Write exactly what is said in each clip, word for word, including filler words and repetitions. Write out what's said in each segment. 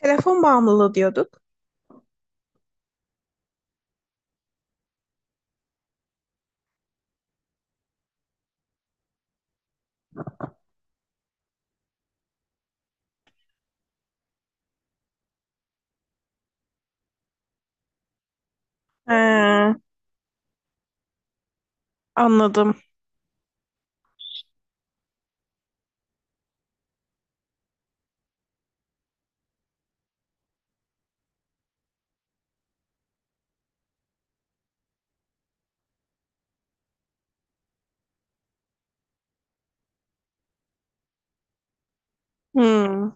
Telefon bağımlılığı diyorduk. Ee, anladım. Hmm.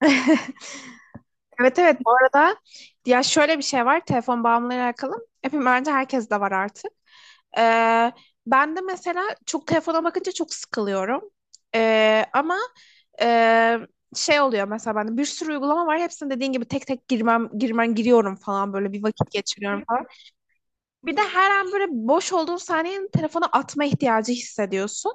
Evet, evet, bu arada ya şöyle bir şey var telefon bağımlılığıyla alakalı. Hepim, bence herkes de var artık. Ee, ben de mesela çok telefona bakınca çok sıkılıyorum. Ee, ama e, şey oluyor mesela, bende bir sürü uygulama var. Hepsine dediğin gibi tek tek girmem girmen giriyorum falan, böyle bir vakit geçiriyorum falan. Bir de her an böyle boş olduğun saniyenin telefonu atma ihtiyacı hissediyorsun.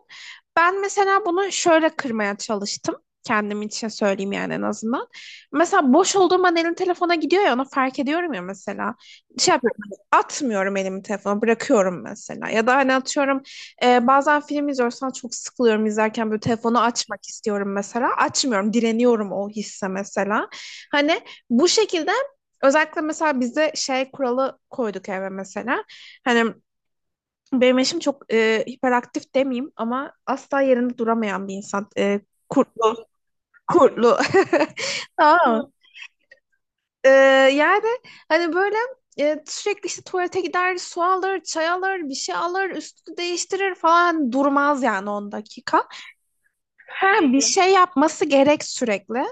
Ben mesela bunu şöyle kırmaya çalıştım. Kendim için söyleyeyim yani, en azından. Mesela boş olduğum an elim telefona gidiyor ya, onu fark ediyorum ya mesela. Şey yapıyorum, hani atmıyorum, elimi telefona bırakıyorum mesela. Ya da hani atıyorum, e, bazen film izliyorsan çok sıkılıyorum izlerken, böyle telefonu açmak istiyorum mesela. Açmıyorum, direniyorum o hisse mesela. Hani bu şekilde. Özellikle mesela bizde şey kuralı koyduk eve mesela. Hani benim eşim çok e, hiperaktif demeyeyim ama asla yerinde duramayan bir insan. E, kurtlu, kurtlu. Tamam mı? E, yani hani böyle e, sürekli işte tuvalete gider, su alır, çay alır, bir şey alır, üstü değiştirir, falan durmaz yani on dakika. Her bir şey yapması gerek sürekli.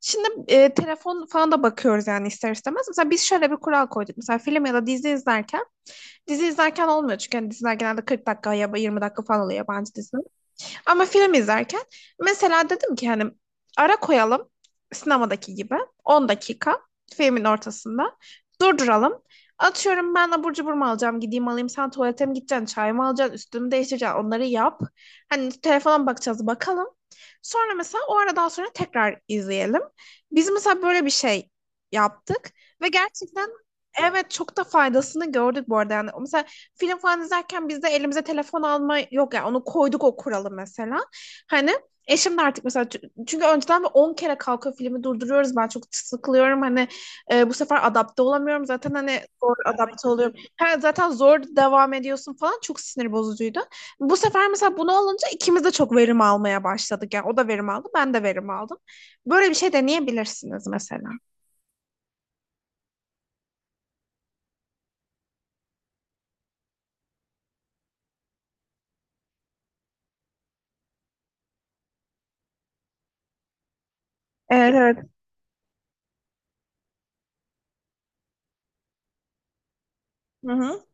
Şimdi e, telefon falan da bakıyoruz yani ister istemez. Mesela biz şöyle bir kural koyduk. Mesela film ya da dizi izlerken. Dizi izlerken olmuyor çünkü hani diziler genelde kırk dakika ya da yirmi dakika falan oluyor, yabancı dizi. Ama film izlerken mesela dedim ki hani ara koyalım, sinemadaki gibi, on dakika filmin ortasında durduralım. Atıyorum, ben abur cubur mu alacağım, gideyim alayım, sen tuvalete mi gideceksin, çay mı alacaksın, üstümü değiştireceksin, onları yap. Hani telefona mı bakacağız bakalım. Sonra mesela o aradan sonra tekrar izleyelim. Biz mesela böyle bir şey yaptık ve gerçekten, evet, çok da faydasını gördük bu arada yani. Mesela film falan izlerken biz de elimize telefon alma yok ya. Yani. Onu koyduk, o kuralı mesela. Hani eşim de artık mesela, çünkü önceden on kere kalkıyor, filmi durduruyoruz. Ben çok sıkılıyorum. Hani e, bu sefer adapte olamıyorum. Zaten hani zor adapte oluyorum. Ha, zaten zor devam ediyorsun falan. Çok sinir bozucuydu. Bu sefer mesela bunu olunca ikimiz de çok verim almaya başladık. Yani o da verim aldı, ben de verim aldım. Böyle bir şey deneyebilirsiniz mesela. Evet, evet. Hı hı.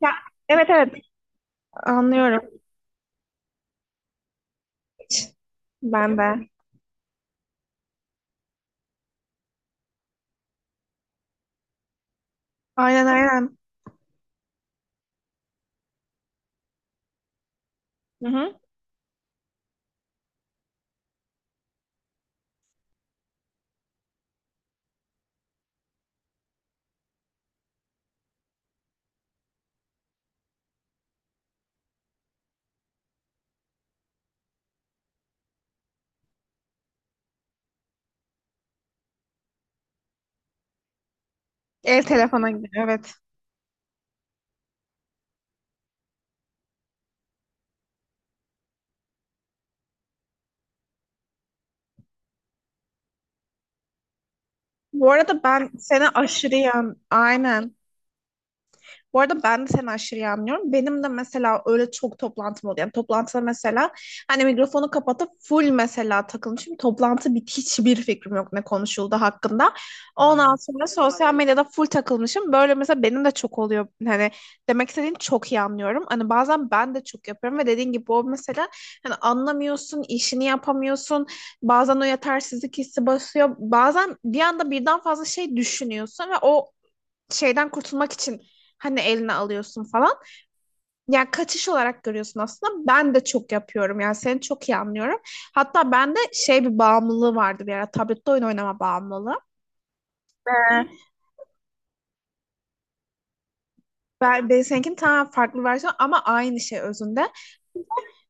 Ya, evet, evet, anlıyorum. Ben de. Aynen, aynen. Hı hı. Ev telefona gidiyor, evet. Bu arada ben seni aşırı yan aynen. Bu arada ben de seni aşırı iyi anlıyorum. Benim de mesela öyle çok toplantım oluyor. Yani toplantıda mesela hani mikrofonu kapatıp full mesela takılmışım. Toplantı bit, hiçbir fikrim yok ne konuşuldu hakkında. Ondan, Hmm, sonra sosyal medyada full takılmışım. Böyle mesela benim de çok oluyor. Hani demek istediğini çok iyi anlıyorum. Hani bazen ben de çok yapıyorum ve dediğin gibi o mesela hani anlamıyorsun, işini yapamıyorsun. Bazen o yetersizlik hissi basıyor. Bazen bir anda birden fazla şey düşünüyorsun ve o şeyden kurtulmak için hani eline alıyorsun falan. Yani kaçış olarak görüyorsun aslında. Ben de çok yapıyorum. Yani seni çok iyi anlıyorum. Hatta bende şey bir bağımlılığı vardı bir ara. Tablette oyun oynama bağımlılığı. Ben, ben seninkinin tamamen farklı versiyonu ama aynı şey özünde.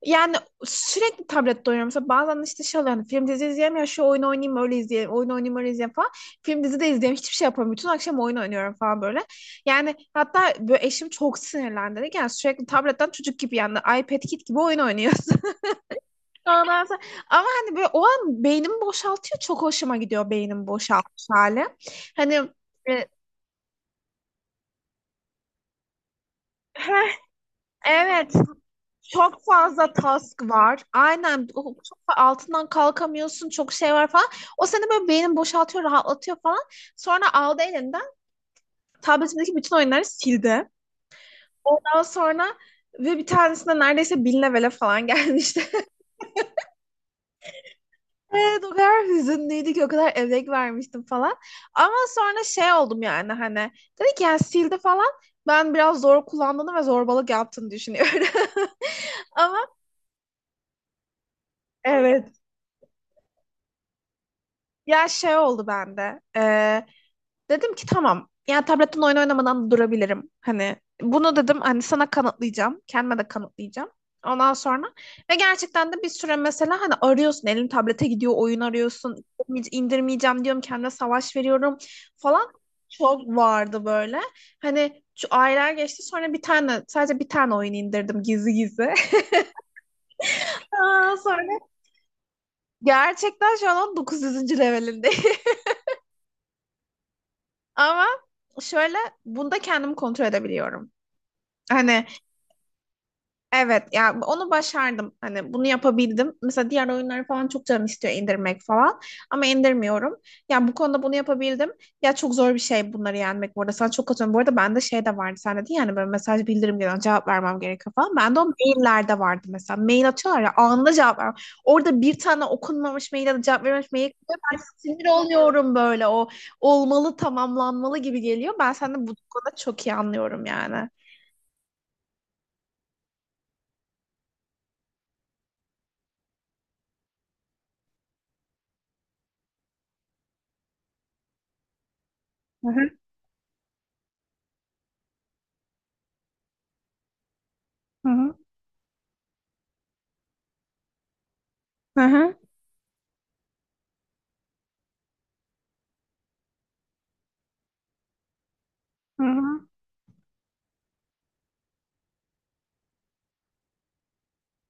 Yani sürekli tablette oynuyorum. Mesela bazen işte şey oluyor. Hani film dizi izleyeyim ya, şu oyunu oynayayım öyle izleyeyim. Oyun oynayayım öyle izleyeyim falan. Film dizi de izleyeyim. Hiçbir şey yapamıyorum. Bütün akşam oyun oynuyorum falan böyle. Yani hatta böyle eşim çok sinirlendi. Dedi ki, yani sürekli tabletten çocuk gibi, yani iPad Kid gibi oyun oynuyorsun. Ondan sonra, ama hani böyle o an beynimi boşaltıyor. Çok hoşuma gidiyor beynim boşaltmış hali. Hani e, heh, evet. Çok fazla task var. Aynen. O- Çok fa- altından kalkamıyorsun. Çok şey var falan. O seni böyle beynini boşaltıyor, rahatlatıyor falan. Sonra aldı elinden, tabletindeki bütün oyunları sildi. Ondan sonra ve bir tanesinde neredeyse bin levele falan gelmişti. Evet, o kadar hüzünlüydü ki, o kadar emek vermiştim falan. Ama sonra şey oldum yani hani dedi ki yani, sildi falan. Ben biraz zor kullandığını ve zorbalık yaptığını düşünüyorum. Ama evet. Ya şey oldu bende. Ee, Dedim ki tamam. Yani tabletten oyun oynamadan da durabilirim. Hani bunu dedim, hani sana kanıtlayacağım. Kendime de kanıtlayacağım. Ondan sonra ve gerçekten de bir süre mesela hani arıyorsun, elin tablete gidiyor, oyun arıyorsun. İndirmeye- indirmeyeceğim diyorum, kendime savaş veriyorum falan, çok vardı böyle. Hani şu aylar geçti, sonra bir tane, sadece bir tane oyun indirdim gizli gizli. Aa, sonra gerçekten şu an on dokuz yüzüncü levelindeyim ama şöyle, bunda kendimi kontrol edebiliyorum. Hani, evet ya, onu başardım. Hani bunu yapabildim. Mesela diğer oyunları falan çok canım istiyor indirmek falan. Ama indirmiyorum. Ya bu konuda bunu yapabildim. Ya çok zor bir şey bunları yenmek bu arada. Sana çok katılıyorum. Bu arada bende şey de vardı. Sen dedin yani böyle mesaj bildirim gelen cevap vermem gerekiyor falan. Bende o maillerde vardı mesela. Mail atıyorlar ya, anında cevap ver. Orada bir tane okunmamış mail ya da cevap verilmemiş mail geliyor. Ben sinir oluyorum böyle, o olmalı, tamamlanmalı gibi geliyor. Ben seni bu konuda çok iyi anlıyorum yani. Hı hı, hı hı, hı hı, hı hı.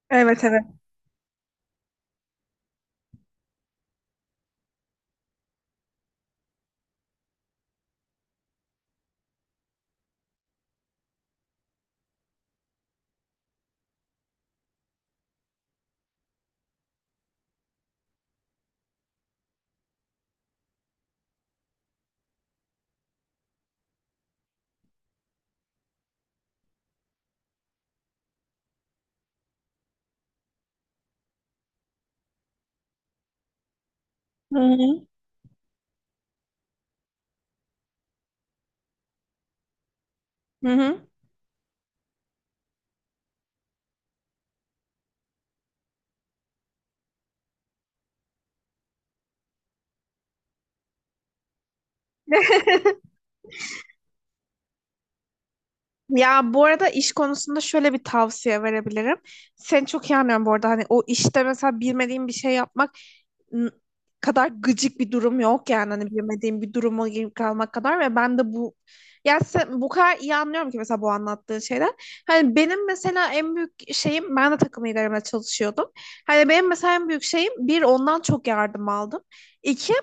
Evet, evet. Hı hı. Hı hı. Ya bu arada iş konusunda şöyle bir tavsiye verebilirim. Seni çok iyi anlıyorum bu arada. Hani o işte mesela bilmediğin bir şey yapmak n- kadar gıcık bir durum yok yani. Hani bilmediğin bir duruma girip kalmak kadar, ve ben de bu, ya sen, bu kadar iyi anlıyorum ki mesela bu anlattığın şeyler. Hani benim mesela en büyük şeyim, ben de takım liderimle çalışıyordum. Hani benim mesela en büyük şeyim bir, ondan çok yardım aldım. İki,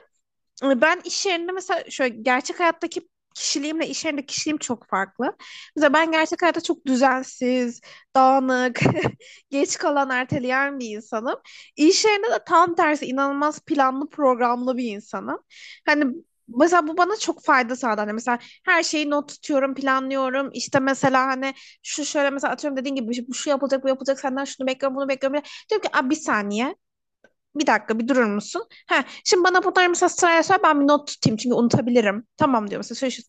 ben iş yerinde mesela şöyle, gerçek hayattaki kişiliğimle iş yerindeki kişiliğim çok farklı. Mesela ben gerçek hayatta çok düzensiz, dağınık, geç kalan, erteleyen bir insanım. İş yerinde de tam tersi, inanılmaz planlı, programlı bir insanım. Hani mesela bu bana çok fayda sağladı. Hani mesela her şeyi not tutuyorum, planlıyorum. İşte mesela hani şu şöyle mesela, atıyorum dediğin gibi, bu şu yapılacak, bu yapılacak, senden şunu bekliyorum, bunu bekliyorum. Diyorum ki, "Aa, bir saniye. Bir dakika bir durur musun? Ha, şimdi bana bunları mesela sıraya söyle, ben bir not tutayım çünkü unutabilirim." Tamam diyor mesela, şöyle şu.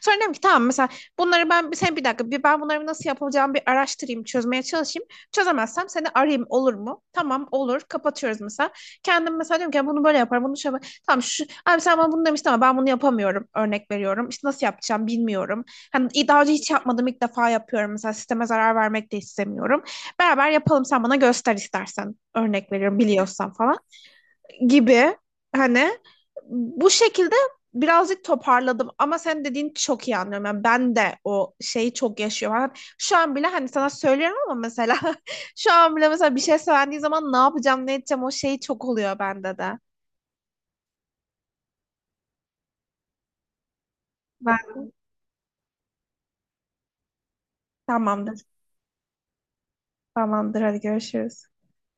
Sonra diyorum ki tamam mesela, bunları ben sen bir dakika bir, ben bunları nasıl yapacağımı bir araştırayım, çözmeye çalışayım. Çözemezsem seni arayayım, olur mu? Tamam olur, kapatıyoruz mesela. Kendim mesela diyorum ki, "Ya bunu böyle yaparım, bunu şöyle yaparım." Tamam şu abi, sen bana bunu demiştin ama ben bunu yapamıyorum, örnek veriyorum. İşte nasıl yapacağım bilmiyorum. Hani daha önce hiç yapmadım, ilk defa yapıyorum mesela, sisteme zarar vermek de istemiyorum. Beraber yapalım, sen bana göster istersen. Örnek veriyorum, biliyorsan falan gibi. Hani bu şekilde birazcık toparladım ama sen dediğin çok iyi anlıyorum. Yani ben de o şeyi çok yaşıyorum. Yani şu an bile hani sana söylüyorum ama mesela, şu an bile mesela bir şey söylendiği zaman, ne yapacağım, ne edeceğim, o şey çok oluyor bende de. Ben tamamdır. Tamamdır, hadi görüşürüz.